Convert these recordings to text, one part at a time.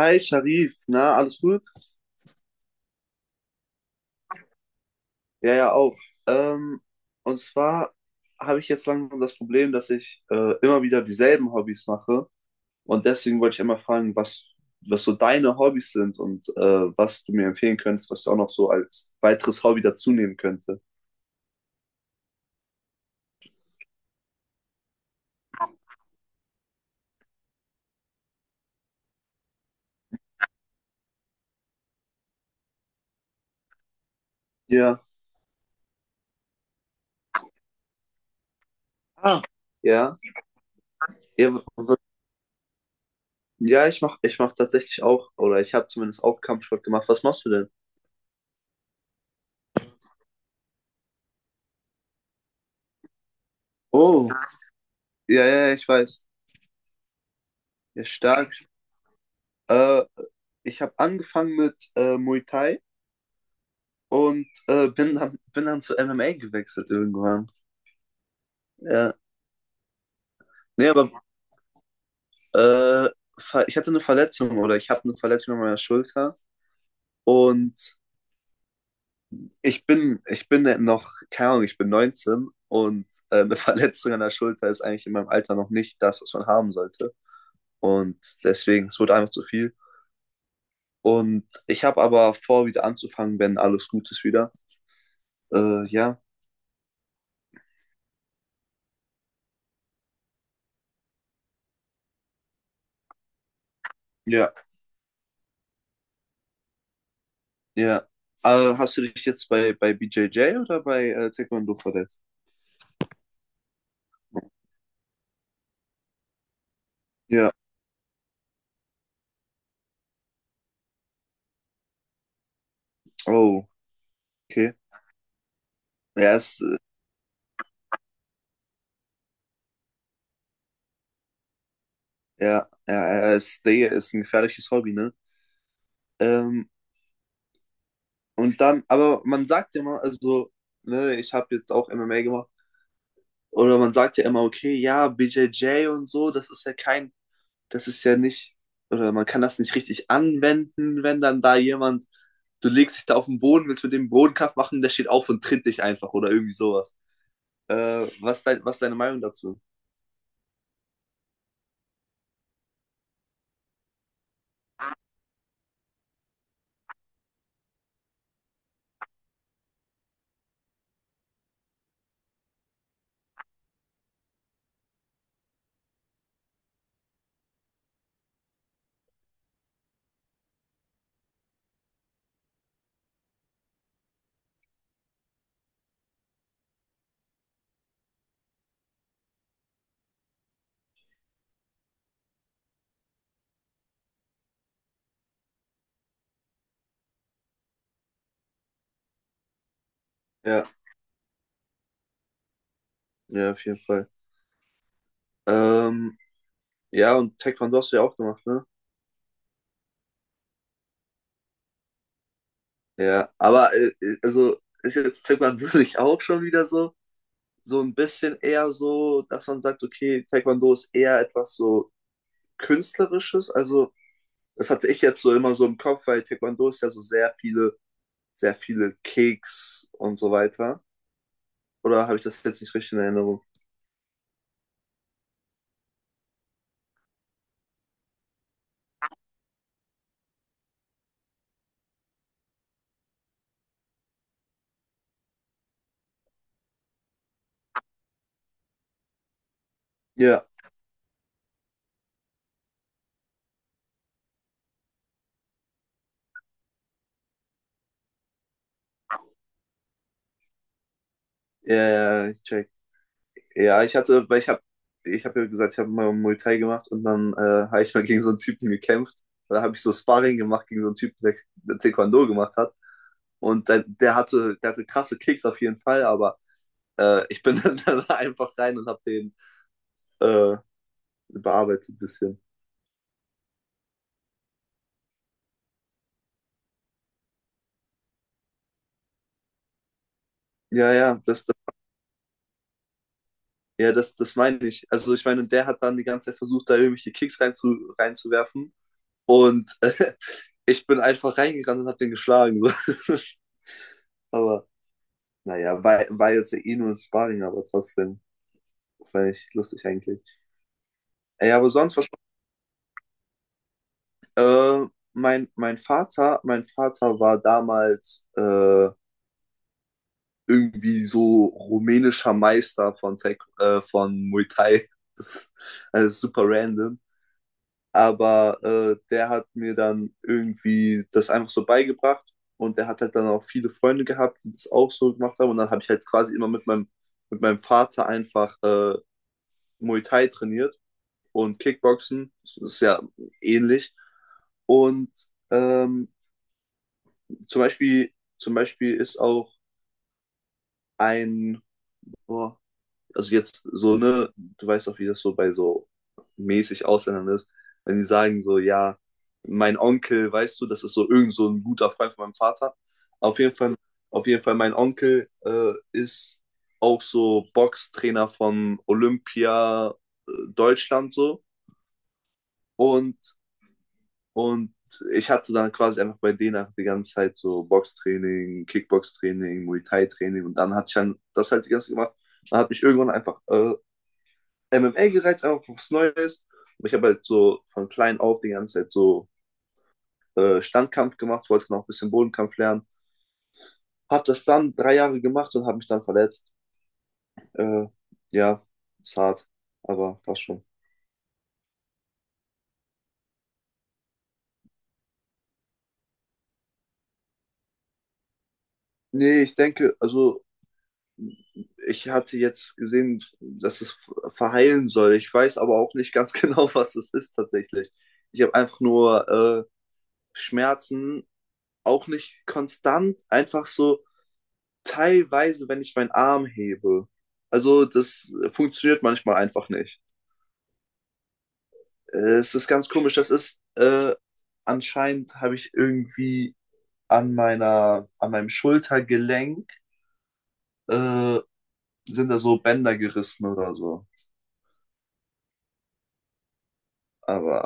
Hi Sharif, na, alles gut? Ja, ja, auch. Ähm, und zwar habe ich jetzt langsam das Problem, dass ich immer wieder dieselben Hobbys mache. Und deswegen wollte ich einmal fragen, was so deine Hobbys sind und was du mir empfehlen könntest, was du auch noch so als weiteres Hobby dazu nehmen könnte. Ja. Ah. Ja. Ja, w- w- ja, ich mach tatsächlich auch, oder ich habe zumindest auch Kampfsport gemacht. Was machst du denn? Oh, ja, ja, ja, ich weiß. Ja, stark. Äh, Ich habe angefangen mit Muay Thai. Und bin dann zu MMA gewechselt irgendwann. Ja. Nee, aber äh, ich hatte eine Verletzung oder ich habe eine Verletzung an meiner Schulter. Und ich bin noch, keine Ahnung, ich bin 19 und eine Verletzung an der Schulter ist eigentlich in meinem Alter noch nicht das, was man haben sollte. Und deswegen, es wurde einfach zu viel. Und ich habe aber vor, wieder anzufangen, wenn alles gut ist wieder. Ja, ja, ja. Hast du dich jetzt bei BJJ oder bei Taekwondo verletzt? Ja, oh, okay. Ja, ist, äh, ja, ja, ja, ist, Digga, ist ein gefährliches Hobby, ne? Ähm, und dann, aber man sagt ja immer, also, ne, ich habe jetzt auch MMA gemacht, oder man sagt ja immer, okay, ja, BJJ und so, das ist ja nicht, oder man kann das nicht richtig anwenden, wenn dann da jemand, du legst dich da auf den Boden, willst mit dem Bodenkampf machen, der steht auf und tritt dich einfach oder irgendwie sowas. Was ist deine Meinung dazu? Ja, ja, auf jeden Fall. Ähm, Ja, und Taekwondo hast du ja auch gemacht, ne? Ja, aber also ist jetzt Taekwondo nicht auch schon wieder so, so ein bisschen eher so, dass man sagt, okay, Taekwondo ist eher etwas so Künstlerisches. Also, das hatte ich jetzt so immer so im Kopf, weil Taekwondo ist ja so sehr viele Kicks und so weiter. Oder habe ich das jetzt nicht richtig in Erinnerung? Ja, ja, ja, ja, ich check. Ja, ich hatte, weil ich habe, ich habe ja gesagt, ich habe mal Muay Thai gemacht und dann habe ich mal gegen so einen Typen gekämpft. Da habe ich so Sparring gemacht gegen so einen Typen, der Taekwondo gemacht hat. Und der hatte krasse Kicks auf jeden Fall, aber ich bin dann einfach rein und habe den äh, bearbeitet ein bisschen. Ja, ja, das, das, ja, das meine ich. Also ich meine, der hat dann die ganze Zeit versucht, da irgendwelche reinzuwerfen. Und ich bin einfach reingerannt und habe den geschlagen. So. Aber naja, war jetzt ja eh nur ein Sparring, aber trotzdem fand ich lustig eigentlich. Ja, aber sonst was. Äh, mein Vater war damals irgendwie so rumänischer Meister von, von Muay Thai. Das, das super random. Aber der hat mir dann irgendwie das einfach so beigebracht und der hat halt dann auch viele Freunde gehabt, die das auch so gemacht haben. Und dann habe ich halt quasi immer mit mit meinem Vater einfach Muay Thai trainiert. Und Kickboxen. Das ist ja ähnlich. Und ähm, zum Beispiel, zum Beispiel ist auch ein, oh, also jetzt so, ne, du weißt auch, wie das so bei so mäßig Ausländern ist, wenn die sagen so, ja, mein Onkel, weißt du, das ist so irgend so ein guter Freund von meinem Vater. Auf jeden Fall, auf jeden Fall, mein Onkel ist auch so Boxtrainer von Olympia Deutschland so. Und Und ich hatte dann quasi einfach bei denen einfach die ganze Zeit so Boxtraining, Kickboxtraining, Muay Thai-Training und dann hatte ich dann das halt die ganze Zeit gemacht. Dann hat mich irgendwann einfach MMA gereizt, einfach was Neues. Und ich habe halt so von klein auf die ganze Zeit so Standkampf gemacht, wollte noch ein bisschen Bodenkampf lernen. Habe das dann drei Jahre gemacht und habe mich dann verletzt. Äh, ja, ist hart, aber passt schon. Nee, ich denke, also ich hatte jetzt gesehen, dass es verheilen soll. Ich weiß aber auch nicht ganz genau, was es ist tatsächlich. Ich habe einfach nur Schmerzen, auch nicht konstant, einfach so teilweise, wenn ich meinen Arm hebe. Also das funktioniert manchmal einfach nicht. Es ist ganz komisch. Das ist anscheinend habe ich irgendwie an an meinem Schultergelenk äh, sind da so Bänder gerissen oder so. Aber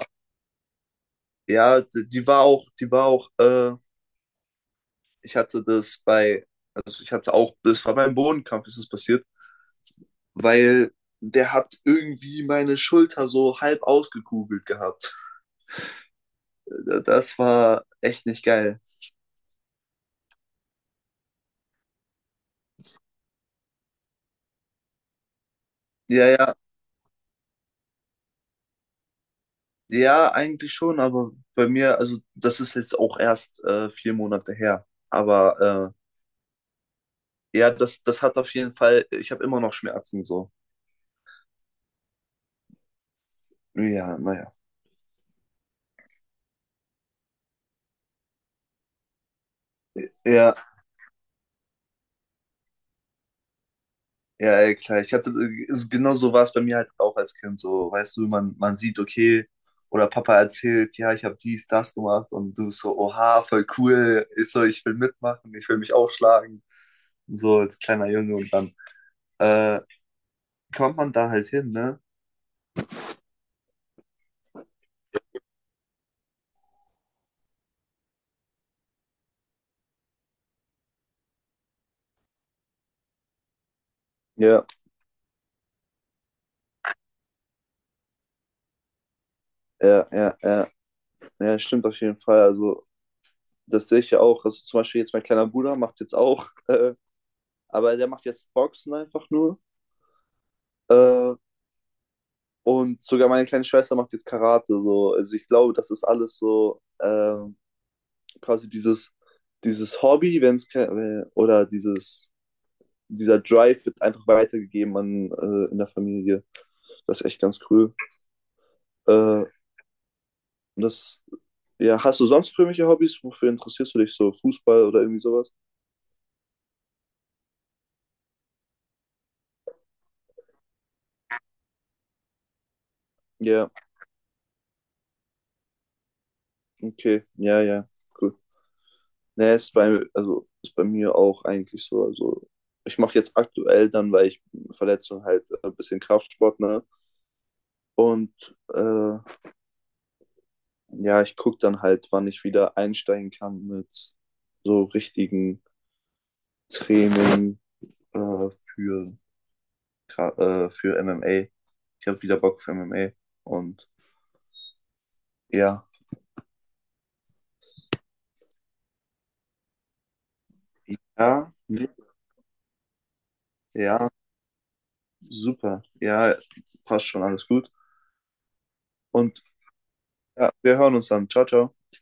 ja, die war auch, ich hatte das bei, also ich hatte auch, das war beim Bodenkampf ist es passiert, weil der hat irgendwie meine Schulter so halb ausgekugelt gehabt. Das war echt nicht geil. Ja, ja, ja, eigentlich schon, aber bei mir, also das ist jetzt auch erst vier Monate her. Aber ja, das, das hat auf jeden Fall, ich habe immer noch Schmerzen so. Ja, naja. Ja. Ja, ey, klar. Genau so war es bei mir halt auch als Kind. So, weißt du, man sieht, okay, oder Papa erzählt, ja, ich habe dies, das gemacht und du bist so, oha, voll cool. Ist so, ich will mitmachen, ich will mich aufschlagen. So als kleiner Junge und dann äh, kommt man da halt hin, ne? Ja, ja, ja, ja, ja, stimmt auf jeden Fall. Also, das sehe ich ja auch. Also, zum Beispiel jetzt mein kleiner Bruder macht jetzt auch, aber der macht jetzt Boxen einfach nur. Äh, Und sogar meine kleine Schwester macht jetzt Karate. So. Also ich glaube, das ist alles so quasi dieses, dieses Hobby, wenn es ke- oder dieses, dieser Drive wird einfach weitergegeben an, in der Familie. Das ist echt ganz cool. Äh, das, ja, hast du sonst irgendwelche Hobbys? Wofür interessierst du dich so? Fußball oder irgendwie sowas? Ja, okay. Ja, ja, cool. Ne, ist bei, also ist bei mir auch eigentlich so. Also ich mache jetzt aktuell dann, weil ich Verletzung halt ein bisschen Kraftsport, ne? Und ja, ich gucke dann halt, wann ich wieder einsteigen kann mit so richtigen Training äh, für, für MMA. Ich habe wieder Bock für MMA. Und ja, ja, ja, super. Ja, passt schon, alles gut. Und ja, wir hören uns dann. Ciao, ciao.